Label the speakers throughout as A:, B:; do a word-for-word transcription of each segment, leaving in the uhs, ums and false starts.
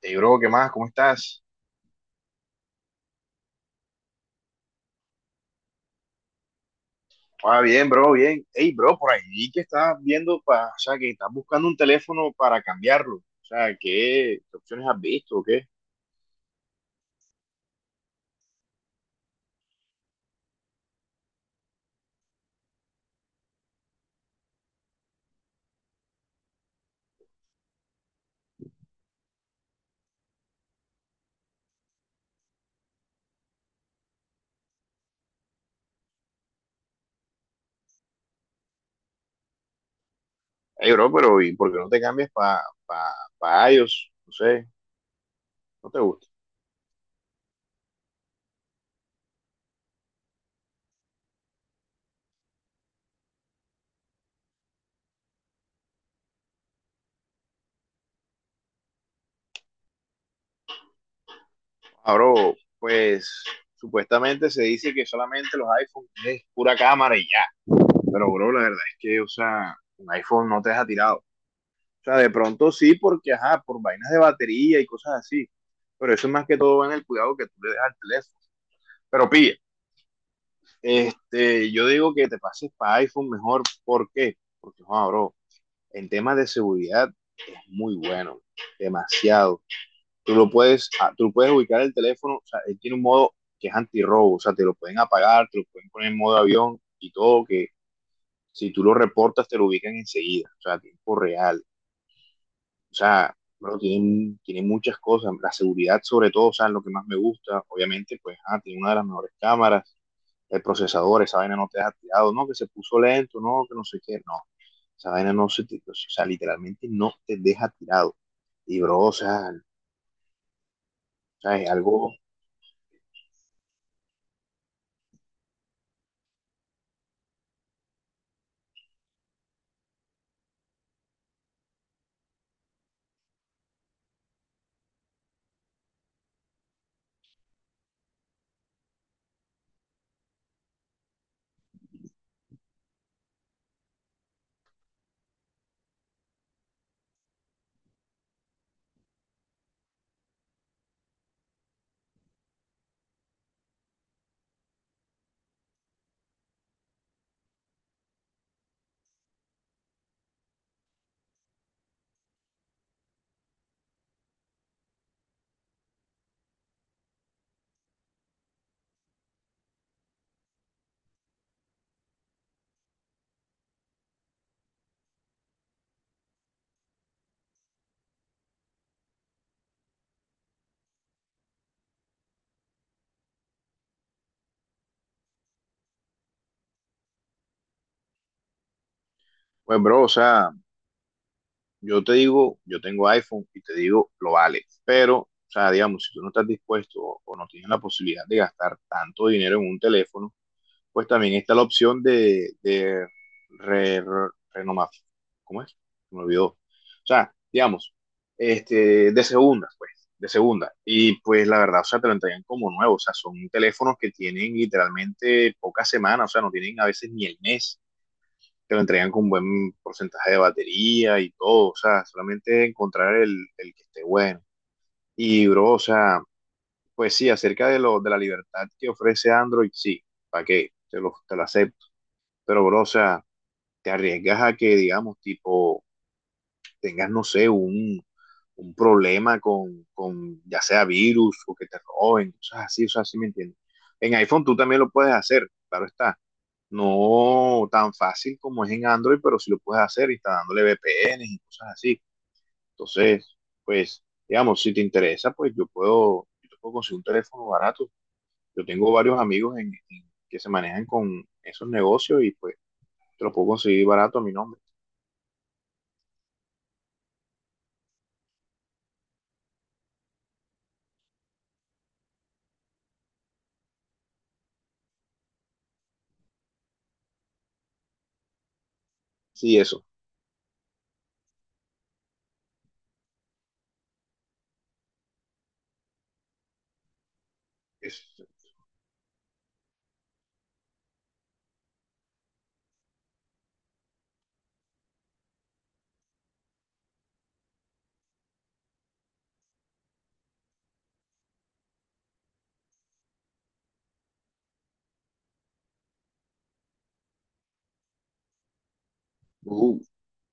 A: Hey, bro, ¿qué más? ¿Cómo estás? Ah, bien, bro, bien. Hey, bro, por ahí vi que estás viendo, pa- o sea, que estás buscando un teléfono para cambiarlo. O sea, ¿qué, qué opciones has visto o qué? Hey, bro, pero ¿y por qué no te cambias para pa, pa pa iOS? No sé, no te gusta. Ah, bro, pues supuestamente se dice que solamente los iPhones es pura cámara y ya. Pero, bro, la verdad es que, o sea, un iPhone no te deja tirado. O sea, de pronto sí, porque, ajá, por vainas de batería y cosas así. Pero eso es más que todo va en el cuidado que tú le dejas al teléfono. Pero pilla. Este, yo digo que te pases para iPhone mejor. ¿Por qué? Porque, joder, bro, en temas de seguridad es muy bueno, demasiado. Tú lo puedes, ah, tú puedes ubicar el teléfono, o sea, él tiene un modo que es antirrobo, o sea, te lo pueden apagar, te lo pueden poner en modo avión y todo, que si tú lo reportas te lo ubican enseguida, o sea, a tiempo real. O sea, bro, tiene, tiene muchas cosas, la seguridad sobre todo, o sea, lo que más me gusta, obviamente, pues, ah, tiene una de las mejores cámaras, el procesador, esa vaina no te deja tirado, no, que se puso lento, no, que no sé qué, no, esa vaina no se, te- o sea, literalmente no te deja tirado. Y, bro, o sea, o sea, es algo, pues, bro, o sea, yo te digo, yo tengo iPhone y te digo, lo vale, pero, o sea, digamos, si tú no estás dispuesto o o no tienes la posibilidad de gastar tanto dinero en un teléfono, pues también está la opción de, de re- re- renomar. ¿Cómo es? Me olvidó. O sea, digamos, este, de segunda, pues, de segunda. Y pues la verdad, o sea, te lo entregan como nuevo. O sea, son teléfonos que tienen literalmente pocas semanas, o sea, no tienen a veces ni el mes. Te lo entregan con buen porcentaje de batería y todo. O sea, solamente encontrar el, el que esté bueno. Y, bro, o sea, pues sí, acerca de, lo, de la libertad que ofrece Android, sí, ¿para qué? Te lo, te lo acepto pero, bro, o sea, te arriesgas a que, digamos, tipo, tengas, no sé, un, un problema con, con, ya sea virus o que te roben, cosas así, o sea, así me entiendes. En iPhone tú también lo puedes hacer, claro está. No tan fácil como es en Android, pero sí lo puedes hacer instalándole V P Ns y cosas así. Entonces, pues, digamos, si te interesa, pues yo puedo, yo te puedo conseguir un teléfono barato. Yo tengo varios amigos en, en- que se manejan con esos negocios y pues te lo puedo conseguir barato a mi nombre. Sí, eso. Es- uh,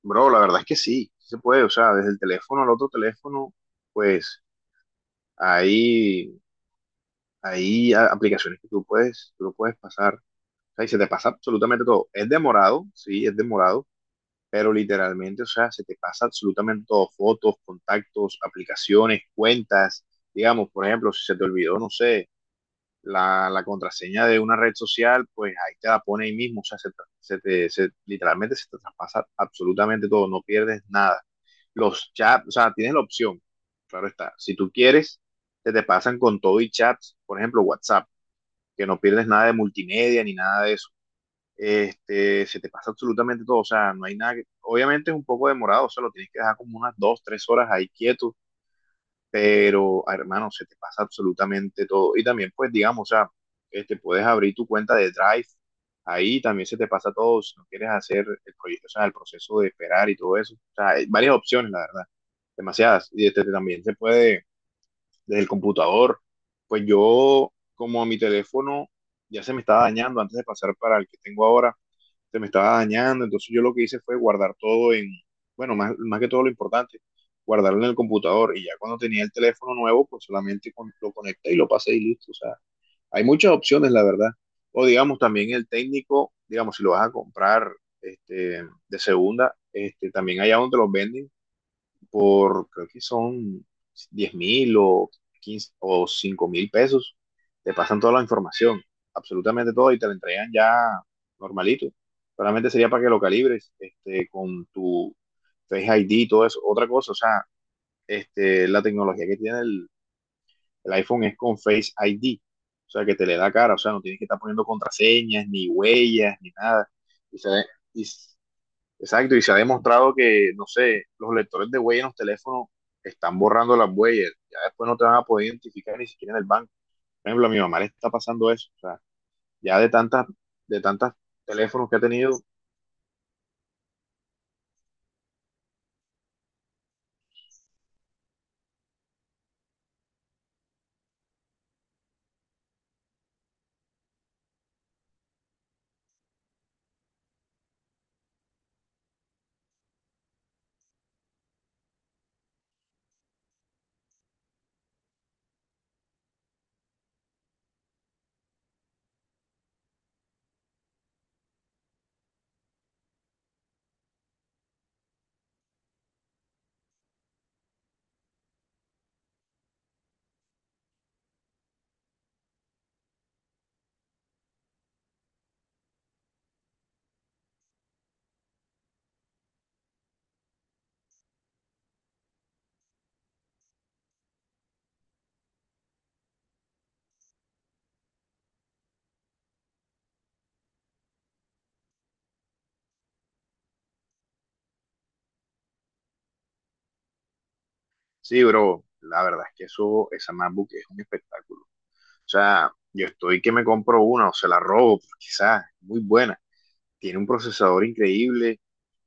A: bro, la verdad es que sí, sí se puede, o sea, desde el teléfono al otro teléfono, pues hay, hay a- aplicaciones que tú puedes, tú lo puedes pasar, o sea, y se te pasa absolutamente todo. Es demorado, sí, es demorado, pero literalmente, o sea, se te pasa absolutamente todo, fotos, contactos, aplicaciones, cuentas, digamos, por ejemplo, si se te olvidó, no sé. la, la, contraseña de una red social, pues ahí te la pone ahí mismo, o sea, se, tra- se te, se, literalmente se te traspasa absolutamente todo, no pierdes nada. Los chats, o sea, tienes la opción, claro está, si tú quieres, se te pasan con todo y chats, por ejemplo, WhatsApp, que no pierdes nada de multimedia ni nada de eso. Este, se te pasa absolutamente todo, o sea, no hay nada que, obviamente es un poco demorado, o sea, lo tienes que dejar como unas dos, tres horas ahí quieto, pero ah, hermano, se te pasa absolutamente todo. Y también, pues, digamos, o sea, este, puedes abrir tu cuenta de Drive, ahí también se te pasa todo, si no quieres hacer el proyecto, o sea, el proceso de esperar y todo eso. O sea, hay varias opciones, la verdad, demasiadas. Y este, también se puede desde el computador. Pues yo, como mi teléfono ya se me estaba dañando antes de pasar para el que tengo ahora, se me estaba dañando, entonces yo lo que hice fue guardar todo en, bueno, más, más que todo lo importante, guardarlo en el computador y ya cuando tenía el teléfono nuevo, pues solamente con- lo conecté y lo pasé y listo. O sea, hay muchas opciones, la verdad. O digamos, también el técnico, digamos, si lo vas a comprar este, de segunda, este, también allá donde los venden por, creo que son diez mil o quince o cinco mil pesos, te pasan toda la información, absolutamente todo, y te la entregan ya normalito. Solamente sería para que lo calibres este, con tu Face I D y todo eso. Otra cosa, o sea, este, la tecnología que tiene el, el iPhone es con Face I D, o sea, que te le da cara, o sea, no tienes que estar poniendo contraseñas, ni huellas, ni nada. Y se, y Exacto, y se ha demostrado que, no sé, los lectores de huella en los teléfonos están borrando las huellas, ya después no te van a poder identificar ni siquiera en el banco. Por ejemplo, a mi mamá le está pasando eso, o sea, ya de tantas, de tantas teléfonos que ha tenido, sí, bro, la verdad es que eso, esa MacBook es un espectáculo. O sea, yo estoy que me compro una o se la robo, pues, quizás, muy buena. Tiene un procesador increíble,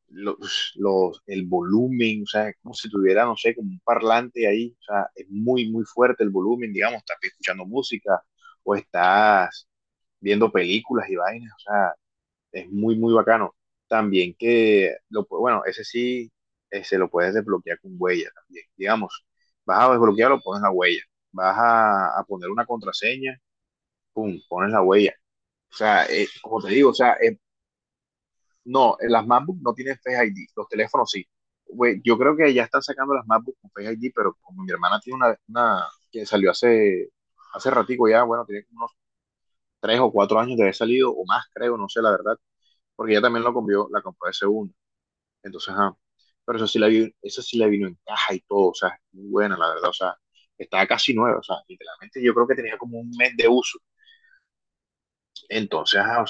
A: los, los, el volumen, o sea, como si tuviera, no sé, como un parlante ahí, o sea, es muy, muy fuerte el volumen, digamos, estás escuchando música o estás viendo películas y vainas, o sea, es muy, muy bacano. También que, lo, pu- bueno, ese sí eh, se lo puedes desbloquear con huella también, digamos, vas a desbloquearlo, pones la huella, vas a, a poner una contraseña, pum, pones la huella. O sea, eh, como te digo, o sea, es no, eh, las MacBook no tienen Face I D, los teléfonos sí. Güey, yo creo que ya están sacando las MacBook con Face I D, pero como mi hermana tiene una, una que salió hace, hace ratico ya, bueno, tiene como unos tres o cuatro años de haber salido, o más creo, no sé la verdad, porque ella también lo compró, la compró de segunda. Entonces, ah, pero eso sí la vi, eso sí la vino en caja y todo, o sea, es muy buena, la verdad, o sea, estaba casi nueva, o sea, literalmente yo creo que tenía como un mes de uso. Entonces, ah,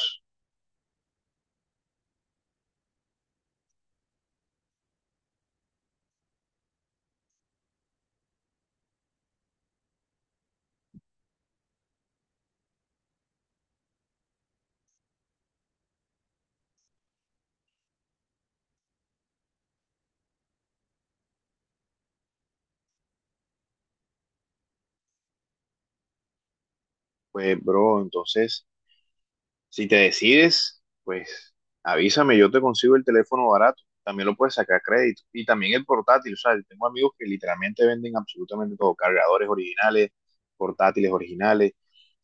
A: pues, bro, entonces si te decides, pues avísame, yo te consigo el teléfono barato. También lo puedes sacar a crédito. Y también el portátil. O sea, yo tengo amigos que literalmente venden absolutamente todo. Cargadores originales, portátiles originales.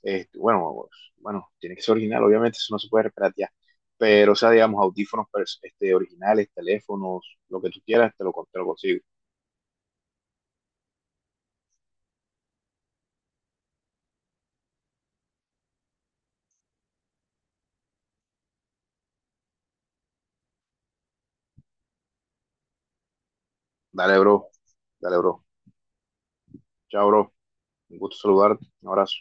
A: Este, bueno, pues, bueno, tiene que ser original, obviamente, eso no se puede piratear. Pero, o sea, digamos, audífonos pers- este, originales, teléfonos, lo que tú quieras, te lo, con- te lo consigo. Dale, bro. Dale, bro. Chao, bro. Un gusto saludarte. Un abrazo.